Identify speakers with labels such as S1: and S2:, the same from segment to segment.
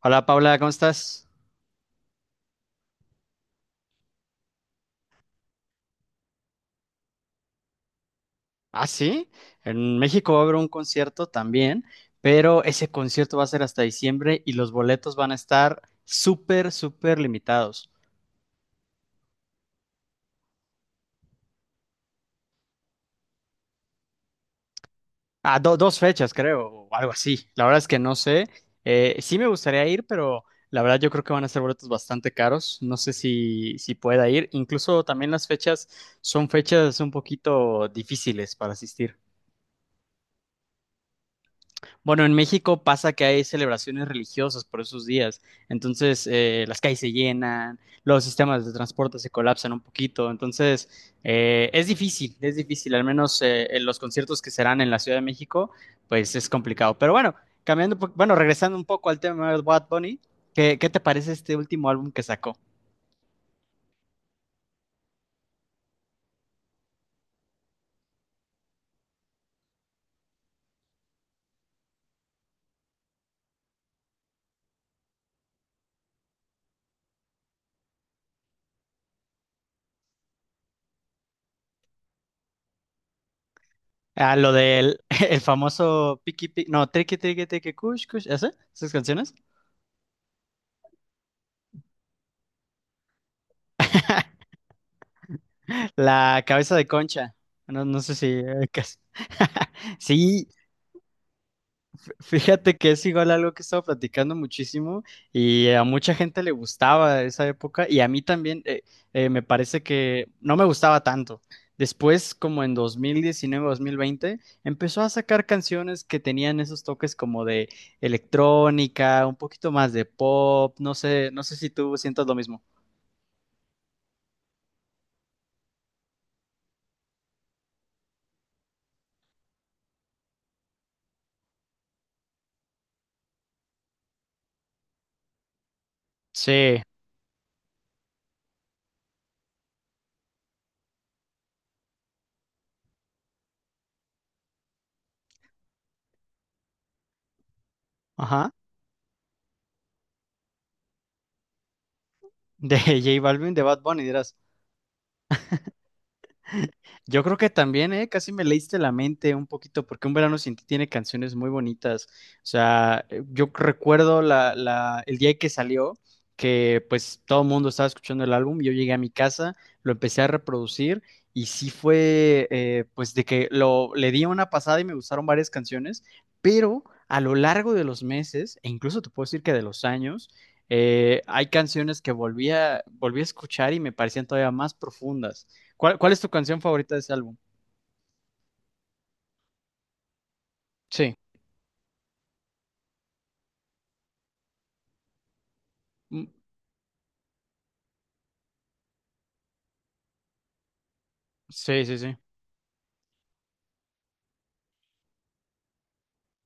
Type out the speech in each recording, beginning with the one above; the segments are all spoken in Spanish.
S1: Hola Paula, ¿cómo estás? Ah, sí, en México va a haber un concierto también, pero ese concierto va a ser hasta diciembre y los boletos van a estar súper, súper limitados. Ah, dos fechas, creo, o algo así. La verdad es que no sé. Sí me gustaría ir, pero la verdad yo creo que van a ser boletos bastante caros. No sé si pueda ir. Incluso también las fechas son fechas un poquito difíciles para asistir. Bueno, en México pasa que hay celebraciones religiosas por esos días, entonces las calles se llenan, los sistemas de transporte se colapsan un poquito, entonces es difícil, al menos en los conciertos que serán en la Ciudad de México, pues es complicado. Pero bueno, cambiando, bueno, regresando un poco al tema de Bad Bunny, ¿ qué te parece este último álbum que sacó? Ah, lo del el famoso Piki Piki, no, Triki Triki Triki Kush Kush, ¿ese? ¿Esas canciones? La cabeza de concha. No, no sé si... Sí, fíjate que es igual algo que he estado platicando muchísimo y a mucha gente le gustaba esa época y a mí también me parece que no me gustaba tanto. Después, como en 2019, 2020, empezó a sacar canciones que tenían esos toques como de electrónica, un poquito más de pop, no sé, no sé si tú sientas lo mismo. Sí, ajá, de J Balvin, de Bad Bunny, dirás. Yo creo que también, ¿eh? Casi me leíste la mente un poquito, porque Un Verano Sin Ti tiene canciones muy bonitas. O sea, yo recuerdo el día que salió, que pues todo el mundo estaba escuchando el álbum, yo llegué a mi casa, lo empecé a reproducir y sí fue, pues de que le di una pasada y me gustaron varias canciones, pero a lo largo de los meses, e incluso te puedo decir que de los años, hay canciones que volví a escuchar y me parecían todavía más profundas. ¿ cuál es tu canción favorita de ese álbum? Sí, mm, sí, sí, sí.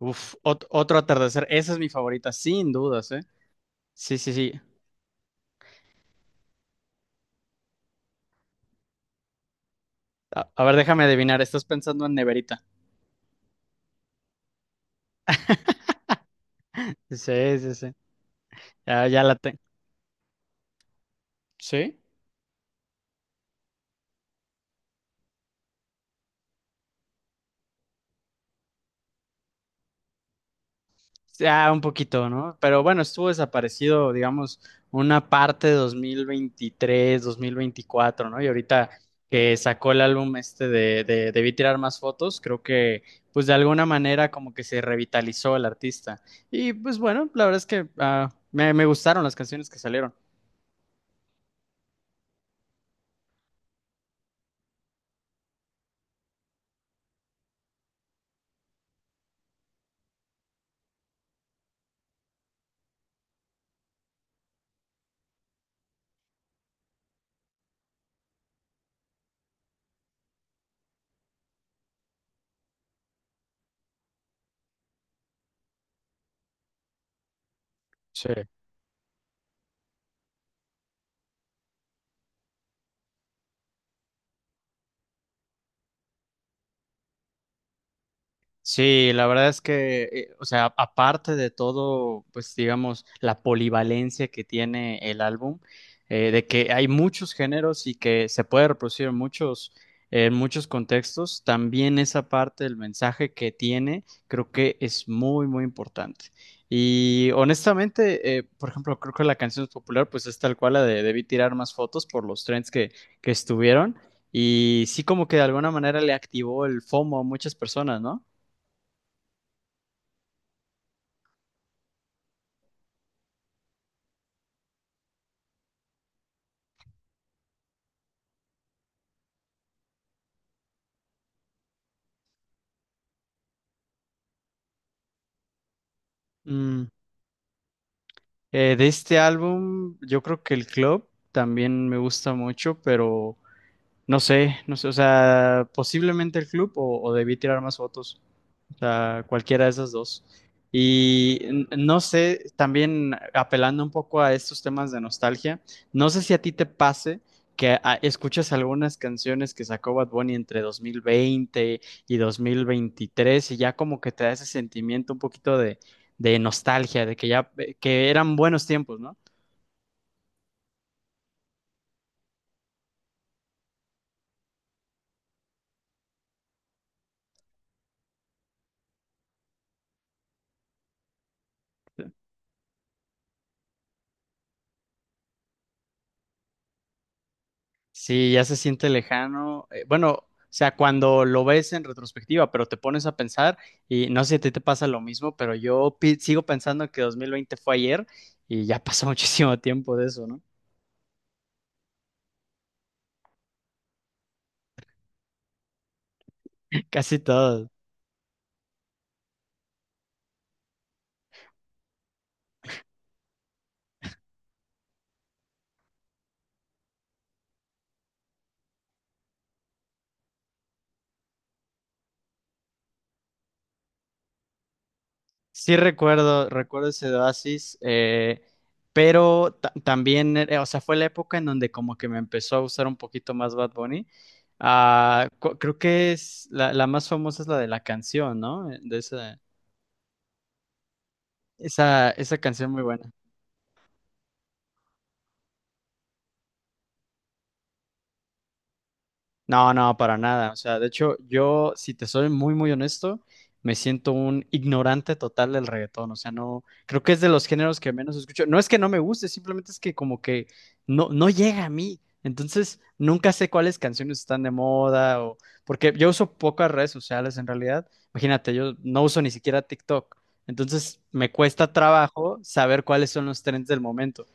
S1: Uf, otro atardecer. Esa es mi favorita, sin dudas, ¿eh? Sí, sí, sí. A ver, déjame adivinar. Estás pensando en Neverita. Sí, sí, sí. Ya la tengo. ¿Sí? Ya, un poquito, ¿no? Pero bueno, estuvo desaparecido, digamos, una parte de 2023, 2024, ¿no? Y ahorita que sacó el álbum este de Debí tirar más fotos, creo que pues de alguna manera como que se revitalizó el artista. Y pues bueno, la verdad es que ah, me gustaron las canciones que salieron. Sí. Sí, la verdad es que, o sea, aparte de todo, pues digamos, la polivalencia que tiene el álbum, de que hay muchos géneros y que se puede reproducir en muchos contextos, también esa parte del mensaje que tiene, creo que es muy, muy importante. Y honestamente, por ejemplo, creo que la canción popular, pues es tal cual la de Debí tirar más fotos por los trends que estuvieron. Y sí, como que de alguna manera le activó el FOMO a muchas personas, ¿no? Mm, de este álbum, yo creo que el Club también me gusta mucho, pero no sé, no sé, o sea, posiblemente el Club o debí tirar más fotos. O sea, cualquiera de esas dos. Y no sé, también apelando un poco a estos temas de nostalgia, no sé si a ti te pase que ah, escuchas algunas canciones que sacó Bad Bunny entre 2020 y 2023 y ya como que te da ese sentimiento un poquito de nostalgia, de que ya, que eran buenos tiempos, ¿no? Sí, ya se siente lejano. Bueno, o sea, cuando lo ves en retrospectiva, pero te pones a pensar y no sé si a ti te pasa lo mismo, pero sigo pensando que 2020 fue ayer y ya pasó muchísimo tiempo de eso, ¿no? Casi todo. Sí recuerdo, recuerdo ese de oasis, pero también, o sea, fue la época en donde como que me empezó a gustar un poquito más Bad Bunny. Ah, creo que es la más famosa es la de la canción, ¿no? De esa, esa, esa canción muy buena. No, no, para nada. O sea, de hecho, yo, si te soy muy, muy honesto, me siento un ignorante total del reggaetón. O sea, no, creo que es de los géneros que menos escucho. No es que no me guste, simplemente es que como que no, no llega a mí. Entonces, nunca sé cuáles canciones están de moda o porque yo uso pocas redes sociales en realidad. Imagínate, yo no uso ni siquiera TikTok. Entonces, me cuesta trabajo saber cuáles son los trends del momento,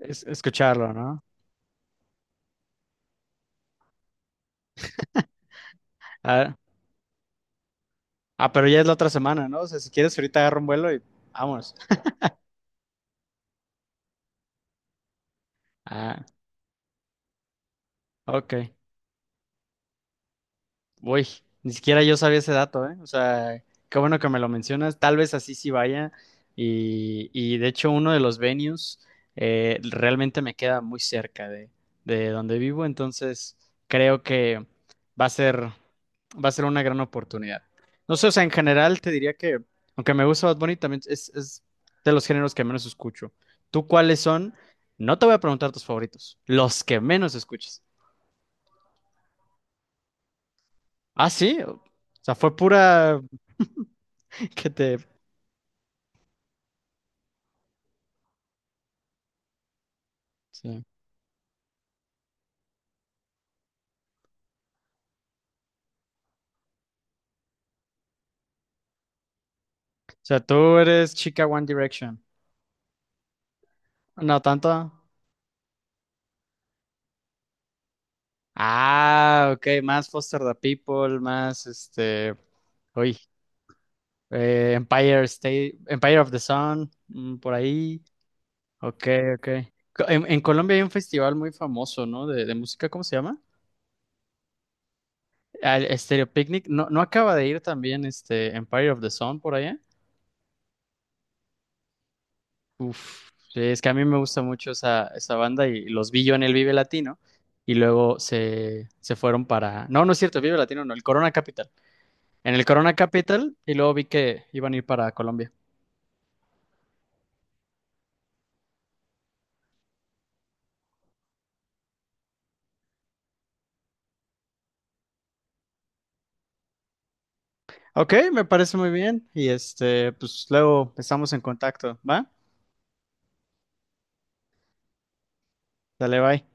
S1: escucharlo, ¿no? Ah, pero ya es la otra semana, ¿no? O sea, si quieres, ahorita agarro un vuelo y vámonos. Ah, ok. Uy, ni siquiera yo sabía ese dato, ¿eh? O sea, qué bueno que me lo mencionas. Tal vez así sí vaya. Y de hecho, uno de los venues realmente me queda muy cerca de donde vivo. Entonces, creo que va a ser, va a ser una gran oportunidad. No sé, o sea, en general te diría que, aunque me gusta Bad Bunny, también es de los géneros que menos escucho. ¿Tú cuáles son? No te voy a preguntar tus favoritos, los que menos escuchas. Ah, sí. O sea, fue pura Que te... sí. O sea, tú eres chica One Direction. No tanto. Ah, ok, más Foster the People, más este... Uy, Empire State, Empire of the Sun, mm, por ahí. Ok, ok. En Colombia hay un festival muy famoso, ¿no? De música, ¿cómo se llama? Al Stereo Picnic. ¿No, no acaba de ir también este Empire of the Sun por allá? Uf, sí, es que a mí me gusta mucho esa, esa banda y los vi yo en el Vive Latino y luego se fueron para... No, no es cierto, el Vive Latino no, el Corona Capital. En el Corona Capital y luego vi que iban a ir para Colombia. Ok, me parece muy bien y este, pues luego estamos en contacto, ¿va? Dale, bye.